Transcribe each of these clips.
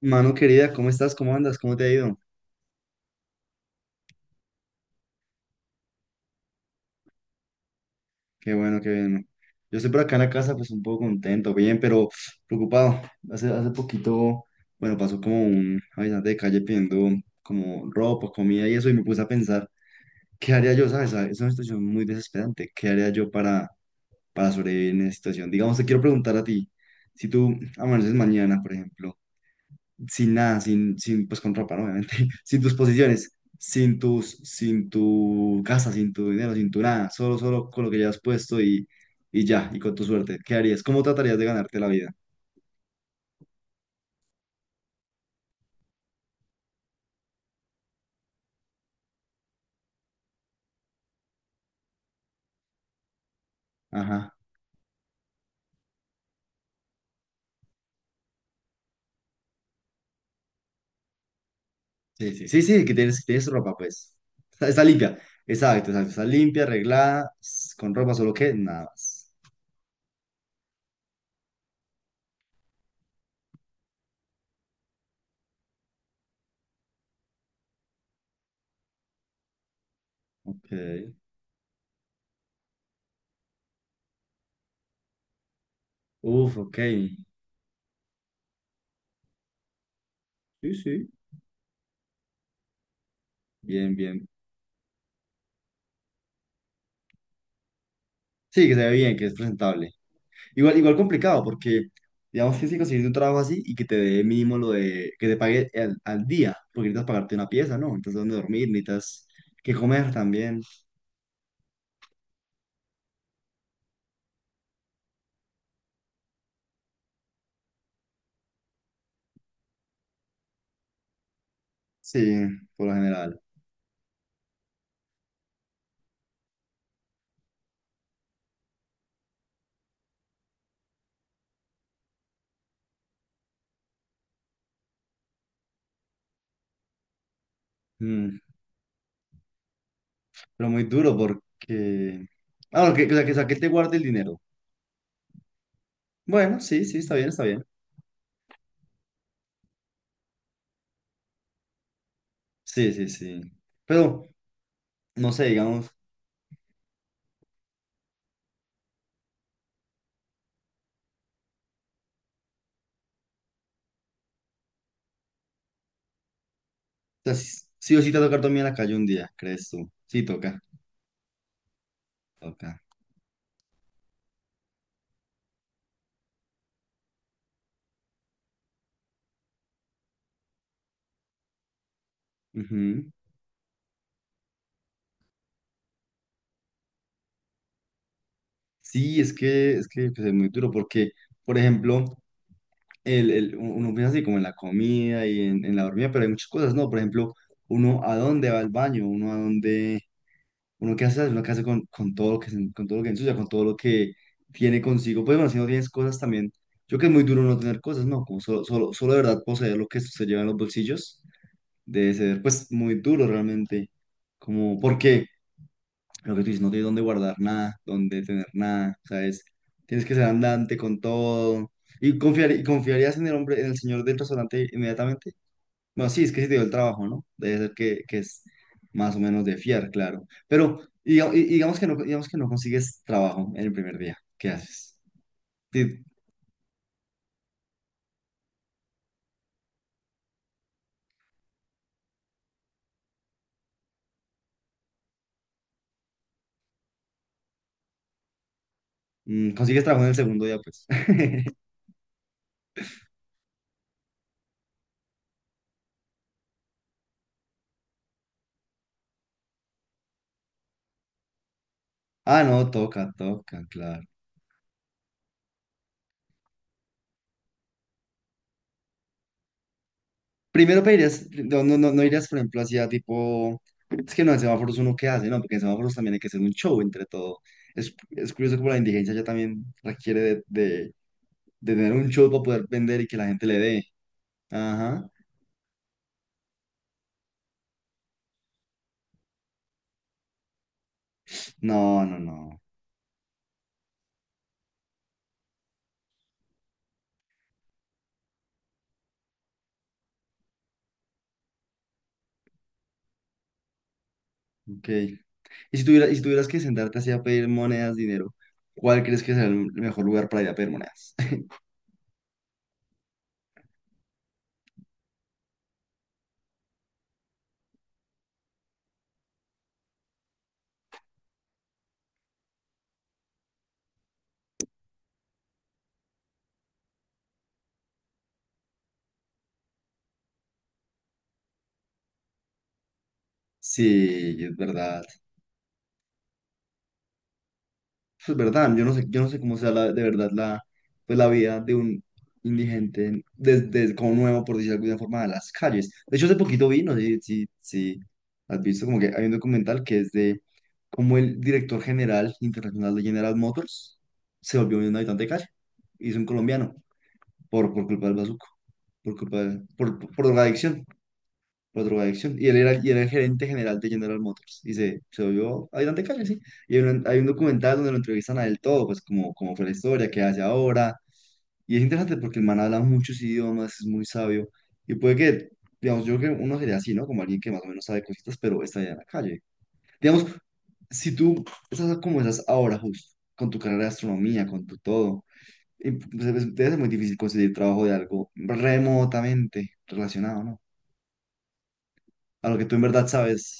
Mano querida, ¿cómo estás? ¿Cómo andas? ¿Cómo te ha ido? Qué bueno, qué bien. Yo estoy por acá en la casa, pues un poco contento, bien, pero preocupado. Hace poquito, bueno, pasó como un habitante de calle pidiendo como ropa, comida y eso, y me puse a pensar, ¿qué haría yo? ¿Sabes? Es una situación muy desesperante. ¿Qué haría yo para sobrevivir en esa situación? Digamos, te quiero preguntar a ti, si tú amaneces mañana, por ejemplo, sin nada, sin, sin, pues con ropa, ¿no? Obviamente, sin tus posiciones, sin tu casa, sin tu dinero, sin tu nada, solo con lo que ya has puesto, y ya, y con tu suerte. ¿Qué harías? ¿Cómo tratarías de ganarte la vida? Ajá. Sí, sí, sí, sí, que tienes ropa, pues. Está limpia. Exacto, exacto. Está limpia, arreglada, con ropa, solo que nada más. Ok. Uf, ok. Sí, sí. Bien, bien. Sí, que se ve bien, que es presentable. Igual, igual complicado, porque digamos que si consigues un trabajo así y que te dé mínimo lo de que te pague al día, porque necesitas pagarte una pieza, ¿no? Necesitas dónde dormir, necesitas que comer también. Sí, por lo general. Mm, pero muy duro porque. Ah, bueno, que, o sea, que te guarde el dinero. Bueno, sí, sí, está bien, está bien. Sí, sí, sí. Pero, no sé, digamos, o sea, sí, sí o sí te va a tocar dormir en la calle un día, ¿crees tú? Sí, toca, toca. Ujú. Sí, es que pues, es muy duro porque, por ejemplo, uno piensa así como en la comida y en la dormida, pero hay muchas cosas, ¿no? Por ejemplo, uno a dónde va al baño, uno a dónde, uno qué hace con todo lo que, con todo lo que ensucia, con todo lo que tiene consigo. Pues bueno, si no tienes cosas también, yo creo que es muy duro no tener cosas, ¿no? Como solo de verdad poseer lo que se lleva en los bolsillos, debe ser pues muy duro realmente. Como, porque lo que tú dices, no tienes dónde guardar nada, dónde tener nada, ¿sabes? Tienes que ser andante con todo. ¿Y, confiar, y confiarías en el hombre, en el señor del restaurante inmediatamente? Bueno, sí, es que sí te dio el trabajo, ¿no? Debe ser que es más o menos de fiar, claro. Pero digamos que no consigues trabajo en el primer día. ¿Qué haces? Ti- mm, consigues trabajo en el segundo día, pues. Ah, no, toca, toca, claro. Primero pedirías, no, no, no, no irías, por ejemplo, hacia tipo, es que no, en semáforos uno qué hace, ¿no? Porque en semáforos también hay que hacer un show entre todo. Es curioso como la indigencia ya también requiere de tener un show para poder vender y que la gente le dé. Ajá. No, no, no. Ok. Y si tuvieras que sentarte así a pedir monedas, dinero, ¿cuál crees que es el mejor lugar para ir a pedir monedas? Sí, es verdad. Eso es verdad, yo no sé cómo sea la, de verdad la, pues la vida de un indigente desde como nuevo, por decirlo de alguna forma, de las calles. De hecho, hace poquito vi, no sé si has visto, como que hay un documental que es de cómo el director general internacional de General Motors se volvió un habitante de calle. Y es un colombiano por culpa del bazuco, por drogadicción, por adicción. Y él era, y era el gerente general de General Motors. Se volvió ayudante de calle, sí. Hay un documental donde lo entrevistan a él todo, pues como, como fue la historia, qué hace ahora. Y es interesante porque el man habla muchos idiomas, es muy sabio. Y puede que, digamos, yo creo que uno sería así, ¿no? Como alguien que más o menos sabe cositas, pero está allá en la calle. Digamos, si tú estás como estás ahora justo, con tu carrera de astronomía, con tu todo, y, pues, debe ser muy difícil conseguir trabajo de algo remotamente relacionado, ¿no? A lo que tú en verdad sabes.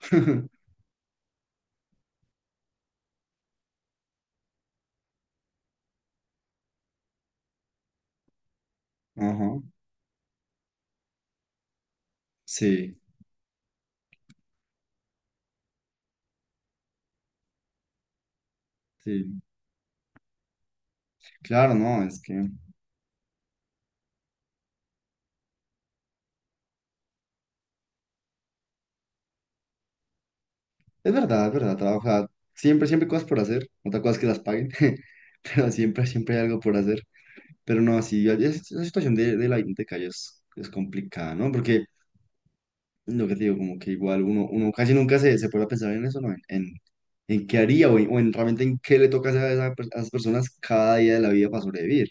Ajá, sí, sí, claro, no, es que es verdad, trabaja, siempre, siempre hay cosas por hacer, otra cosa es que las paguen, pero siempre, siempre hay algo por hacer, pero no, sí, esa situación de la hipoteca ya es complicada, ¿no? Porque lo que te digo, como que igual uno, uno casi nunca se puede pensar en eso, ¿no? En qué haría o en realmente en qué le toca hacer a, a esas personas cada día de la vida para sobrevivir.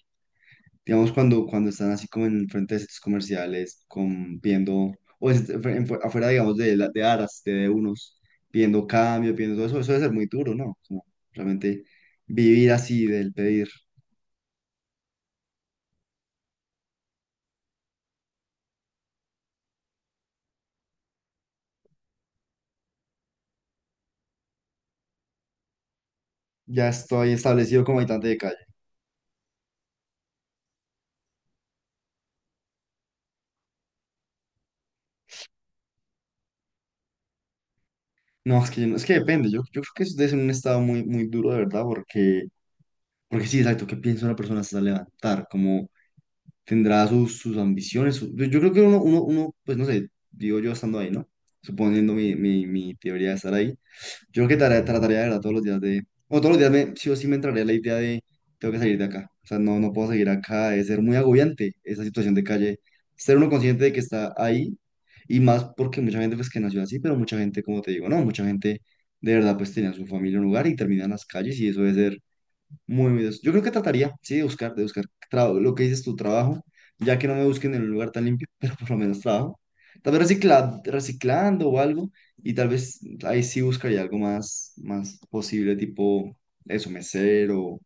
Digamos, cuando, cuando están así como en frente de centros comerciales, con, viendo, afuera, digamos, de aras, de unos, viendo cambio, viendo todo eso, eso debe ser muy duro, ¿no? Como realmente vivir así del pedir. Ya estoy establecido como habitante de calle. No, es que, yo no- es que depende. Yo creo que eso debe ser un estado muy, muy duro, de verdad, porque, porque sí, exacto, ¿qué piensa una persona hasta levantar? Tendrá sus, sus ambiciones. Yo creo que uno, uno, uno, pues no sé, digo yo estando ahí, ¿no? Suponiendo mi, mi, mi teoría de estar ahí, yo creo que trataría de verdad todos los días de, o todos los días me, sí o sí me entraría la idea de, tengo que salir de acá. O sea, no, no puedo seguir acá, es ser muy agobiante esa situación de calle, ser uno consciente de que está ahí y más porque mucha gente pues que nació así, pero mucha gente, como te digo, no, mucha gente de verdad pues tenía su familia en un lugar y termina en las calles y eso debe ser muy humildes. Yo creo que trataría, sí, de buscar lo que dices tu trabajo, ya que no me busquen en un lugar tan limpio, pero por lo menos trabajo. Tal vez reciclando o algo, y tal vez ahí sí buscaría algo más, más posible, tipo eso, mesero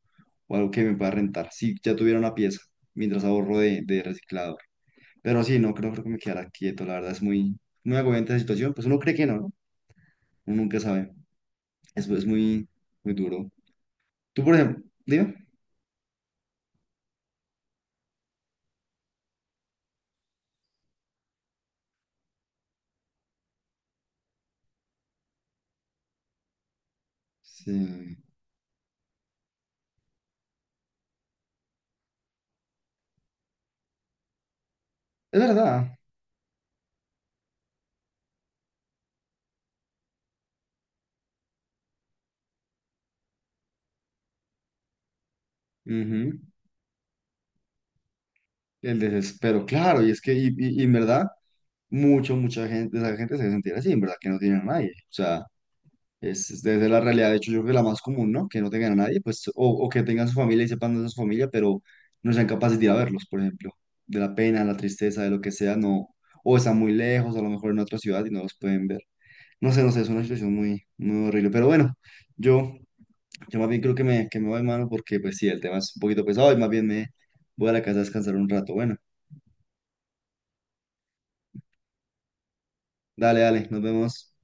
o algo que me pueda rentar. Si ya tuviera una pieza, mientras ahorro de reciclado. Pero sí, no creo, creo que me quedara quieto, la verdad es muy, muy agobiante la situación. Pues uno cree que no, ¿no? Uno nunca sabe. Eso es muy, muy duro. Tú, por ejemplo, dime. Sí. Es verdad. Ujú. El desespero, claro, y es que, y en verdad, mucha, mucha gente, esa gente se sentirá así, en verdad, que no tienen a nadie. O sea, es, debe ser la realidad, de hecho, yo creo que la más común, ¿no? Que no tengan a nadie, pues, o que tengan su familia y sepan de su familia, pero no sean capaces de ir a verlos, por ejemplo, de la pena, la tristeza, de lo que sea, no, o están muy lejos, a lo mejor en otra ciudad y no los pueden ver. No sé, no sé, es una situación muy, muy horrible, pero bueno, yo Yo más bien creo que que me voy, mano, porque pues sí, el tema es un poquito pesado y más bien me voy a la casa a descansar un rato. Bueno, dale, dale, nos vemos.